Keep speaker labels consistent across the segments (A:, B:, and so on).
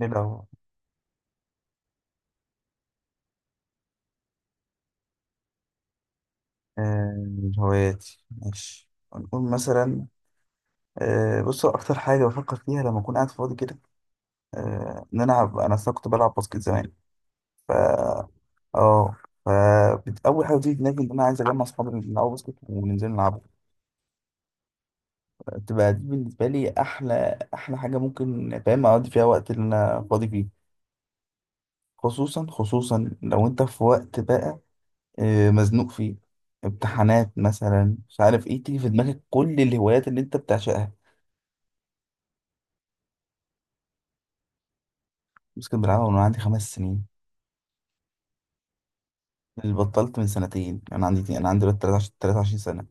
A: ايه لو آه، هواياتي، ماشي، هنقول مثلا. بص، هو اكتر حاجه بفكر فيها لما اكون قاعد فاضي كده، انا أصلاً كنت بلعب باسكت زمان. ف اه ف بت- اول حاجه بتيجي في دماغي ان انا عايز اجمع اصحابي اللي بيلعبوا باسكت وننزل نلعب. تبقى دي بالنسبه لي احلى احلى حاجه، ممكن، فاهم، اقضي فيها وقت اللي انا فاضي فيه. خصوصا خصوصا لو انت في وقت بقى مزنوق فيه، امتحانات مثلا، مش عارف ايه، تيجي في دماغك كل الهوايات اللي انت بتعشقها. بس كنت بلعبها من وأنا عندي 5 سنين. اللي بطلت من سنتين، انا عندي دلوقتي 23 سنه.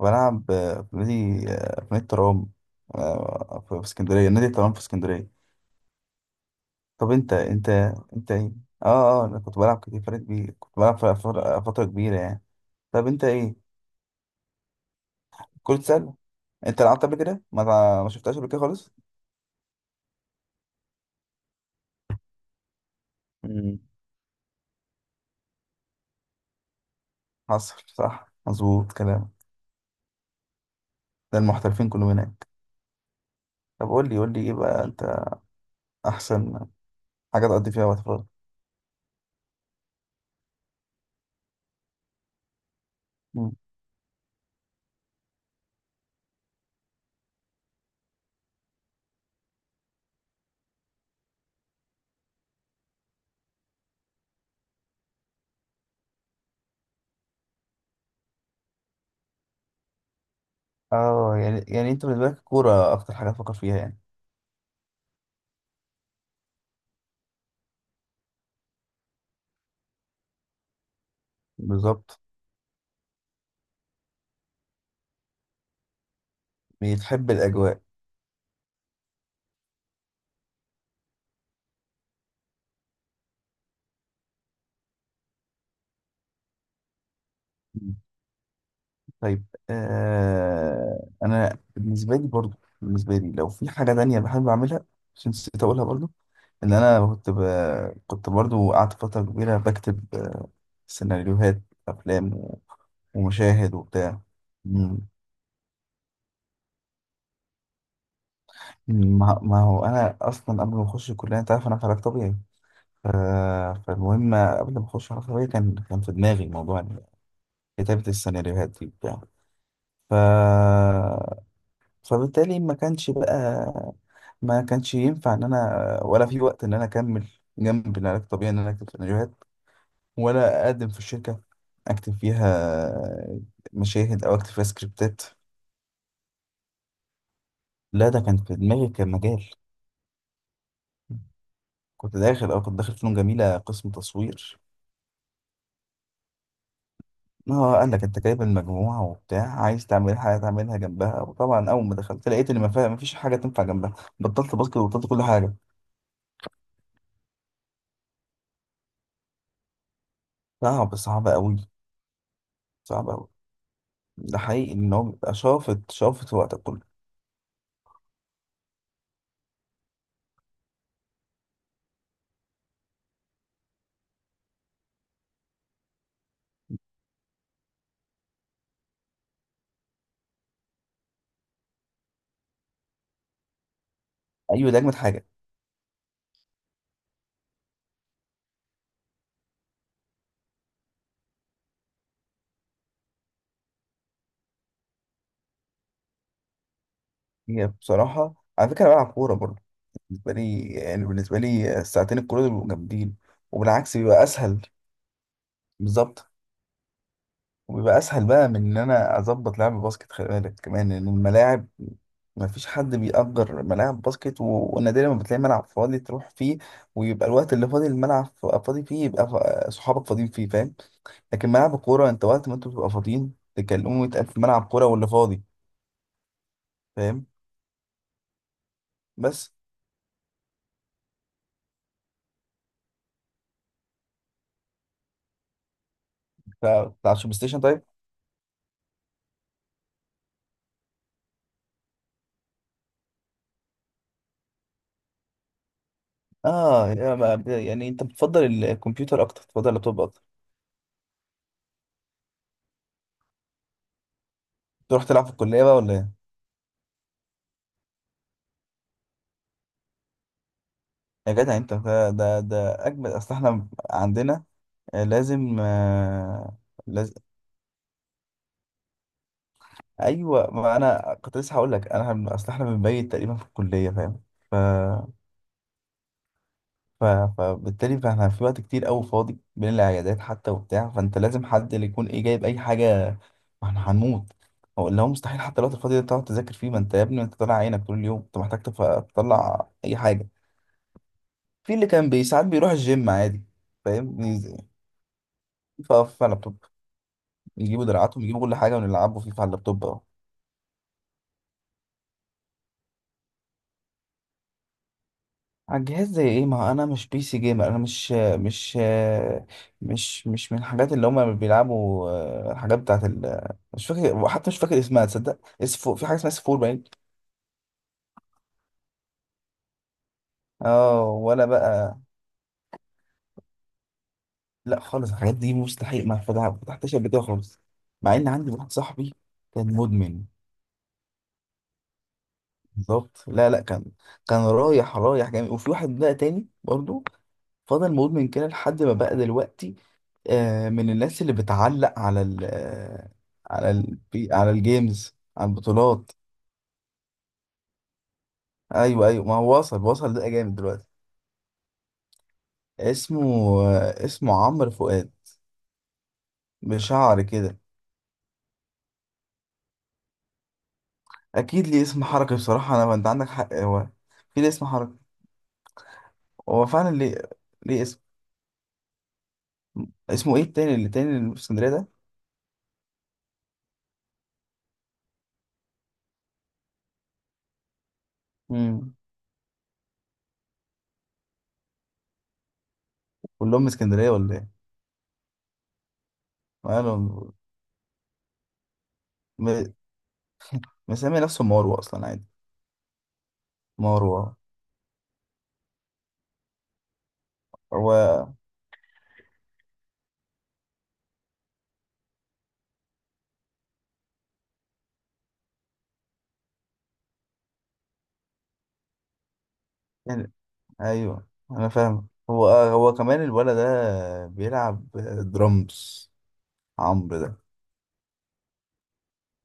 A: بلعب في نادي الترام، في اسكندريه، نادي الترام في اسكندريه. طب انت ايه؟ اه انا كنت بلعب كتير، فرق كبير، كنت بلعب ف- فتره فترة كبيره يعني. طب انت ايه؟ كرة سله. انت لعبت قبل كده؟ ما شفتهاش قبل كده خالص؟ امم حصل، صح، مظبوط كلام. ده المحترفين كلهم هناك. طب قول لي قول لي ايه بقى انت؟ احسن حاجه تقضي فيها وقت فراغ. اه، يعني انت بالنسبه لك الكوره اكتر حاجه تفكر فيها يعني؟ بالظبط. بتحب الاجواء؟ مم. طيب، انا بالنسبه لي برضو، بالنسبه لي لو في حاجه تانية بحب اعملها، عشان نسيت اقولها برضو. ان انا كنت ب... كنت برضو قعدت فتره كبيره بكتب سيناريوهات، افلام و... ومشاهد وبتاع. مم. مم. ما هو انا اصلا قبل ما اخش الكليه، انت عارف انا في علاج طبيعي. ف... فالمهم، قبل ما اخش علاج طبيعي، كان في دماغي موضوع كتابة السيناريوهات دي بتاع. ف... فبالتالي ما كانش بقى، ما كانش ينفع ان انا ولا في وقت ان انا اكمل جنب العلاج الطبيعي ان انا اكتب سيناريوهات، ولا اقدم في الشركة اكتب فيها مشاهد او اكتب فيها سكريبتات. لا، ده كان في دماغي، كان مجال. كنت داخل فنون جميلة، قسم تصوير. ما هو قال لك انت جايب المجموعة وبتاع، عايز تعمل حاجة تعملها جنبها، وطبعا اول ما دخلت لقيت ان ما فيش حاجة تنفع جنبها. بطلت باسكت وبطلت كل حاجة. صعب، صعب قوي، صعب قوي. ده حقيقي ان هو بيبقى شافط شافط وقتك كله. ايوه، ده اجمد حاجه. هي بصراحه، على فكره أنا بلعب كوره برضه. بالنسبه لي الساعتين الكوره دول بيبقوا جامدين، وبالعكس بيبقى اسهل. بالظبط. وبيبقى اسهل بقى من ان انا اظبط لعب الباسكت، خلي بالك كمان ان الملاعب ما فيش حد بيأجر ملاعب باسكت، و- ونادرا ما بتلاقي ملعب فاضي تروح فيه، ويبقى الوقت اللي فاضي الملعب فاضي فيه يبقى صحابك فاضيين فيه، فاهم؟ لكن ملعب الكورة انت وقت ما انتوا بتبقوا فاضيين تكلموا، يتقال في ملعب كورة واللي فاضي. فاهم؟ بس بتاع البلاي ستيشن؟ طيب. اه، يا ما- يعني انت بتفضل الكمبيوتر اكتر؟ بتفضل اللابتوب اكتر؟ تروح تلعب في الكلية بقى ولا ايه؟ يا جدع انت، ده اجمل، اصل احنا عندنا لازم، لازم. ايوه، ما انا كنت لسه هقول لك انا اصل احنا بنبيت تقريبا في الكلية، فاهم؟ ف- فبالتالي فاحنا في وقت كتير قوي فاضي بين العيادات حتى وبتاع، فانت لازم حد اللي يكون ايه جايب اي حاجه. ما احنا هنموت. هو اللي هو مستحيل حتى الوقت الفاضي ده تقعد تذاكر فيه، ما انت يا ابني انت طالع عينك طول اليوم، انت محتاج تطلع اي حاجه. في اللي كان ساعات بيروح الجيم عادي. فاهم؟ يقف على اللابتوب، يجيبوا دراعاتهم، يجيبوا كل حاجه ونلعبوا فيفا على اللابتوب. على الجهاز زي ايه؟ ما هو انا مش PC جيمر، انا مش مش مش من الحاجات اللي هما بيلعبوا، الحاجات بتاعت ال... مش فاكر، حتى مش فاكر اسمها. تصدق اس 4، في حاجه اسمها اس 4، باين. اه، ولا بقى. لا خالص، الحاجات دي مستحيل ما فتح- فتحتش قبل كده خالص. مع ان عندي واحد صاحبي كان مدمن. بالظبط. لا، لا، كان كان رايح رايح جامد، وفي واحد بقى تاني برضو فضل مدمن كده لحد ما بقى دلوقتي، من الناس اللي بتعلق على ال آه، على ال على الجيمز، على البطولات. ايوه، ايوه، ما هو وصل وصل ده، جامد دلوقتي. اسمه اسمه عمرو فؤاد، بشعر كده. اكيد ليه اسم حركي، بصراحه انا ما... انت عندك حق، هو في ليه اسم حركي، هو فعلا ليه، ليه اسم. اسمه ايه التاني، اللي تاني اللي في اسكندريه ده؟ امم. كلهم من اسكندريه ولا ايه؟ مالهم؟ م- مسمي نفسه مروه اصلا، عادي. مروه. هو ايوه، انا فاهم. هو كمان الولد ده بيلعب درامز، عمرو ده،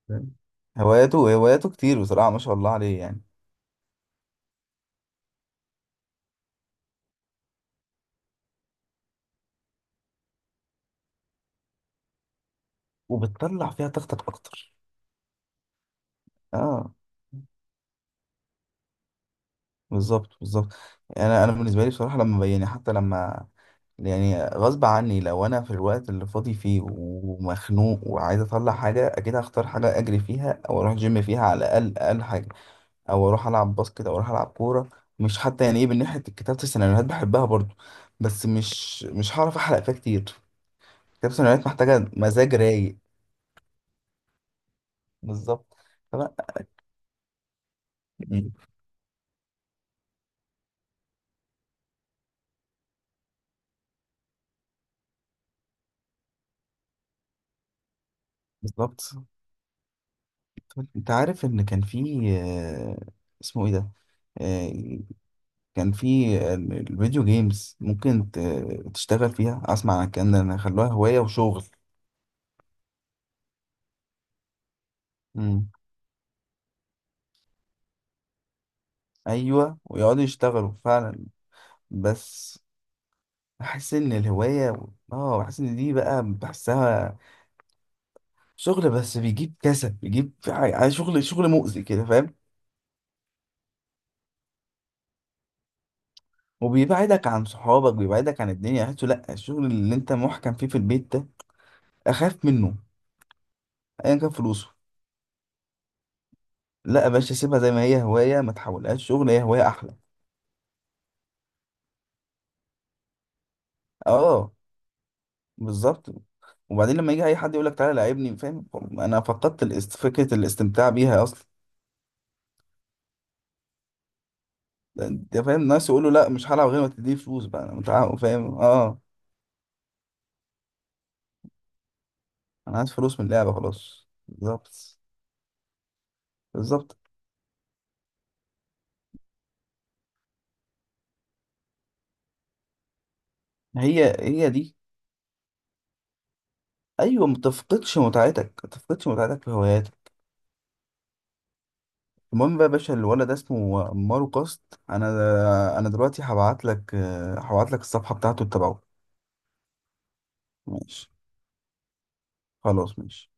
A: فاهم؟ هواياته هواياته كتير بصراحة، ما شاء الله عليه يعني. وبتطلع فيها طاقتك اكتر. اه بالظبط، بالظبط. انا بالنسبة لي بصراحة، لما يعني، حتى لما يعني غصب عني، لو انا في الوقت اللي فاضي فيه ومخنوق وعايز اطلع حاجة، اكيد هختار حاجة اجري فيها، او اروح جيم فيها على الاقل، اقل حاجة، او اروح العب باسكت او اروح العب كوره. مش حتى يعني ايه، من ناحيه كتابه السيناريوهات بحبها برضو، بس مش هعرف احرق فيها كتير. كتابه السيناريوهات محتاجه مزاج رايق. بالظبط. فلا. مم. بالظبط. طب انت عارف ان كان في اسمه ايه ده، آه، كان في الفيديو جيمز ممكن تشتغل فيها؟ اسمع عن الكلام ده إن خلوها هوايه وشغل. مم. ايوه، ويقعدوا يشتغلوا فعلا. بس بحس ان الهوايه، اه، بحس ان دي بقى بحسها شغل، بس بيجيب كسل، بيجيب شغل، شغل مؤذي كده، فاهم؟ وبيبعدك عن صحابك، بيبعدك عن الدنيا، احسه لا، الشغل اللي انت محكم فيه في البيت ده اخاف منه ايا كان فلوسه. لا يا باشا، سيبها زي ما هي هوايه، ما تحولهاش شغل، هي هوايه احلى. اه، بالظبط. وبعدين لما يجي اي حد يقول لك تعالى لعبني، فاهم؟ انا فقدت فكره الاستمتاع بيها اصلا. انت فاهم، الناس يقولوا لا، مش هلعب غير ما تديني فلوس، بقى انا فاهم؟ اه، انا عايز فلوس من اللعبه، خلاص. بالظبط. بالظبط، هي هي دي. ايوه، ما تفقدش متعتك، ما تفقدش متعتك في هواياتك. المهم بقى يا باشا، الولد ده اسمه مارو كاست، انا دلوقتي هبعت لك، هبعت لك الصفحه بتاعته تتابعه. ماشي، خلاص، ماشي.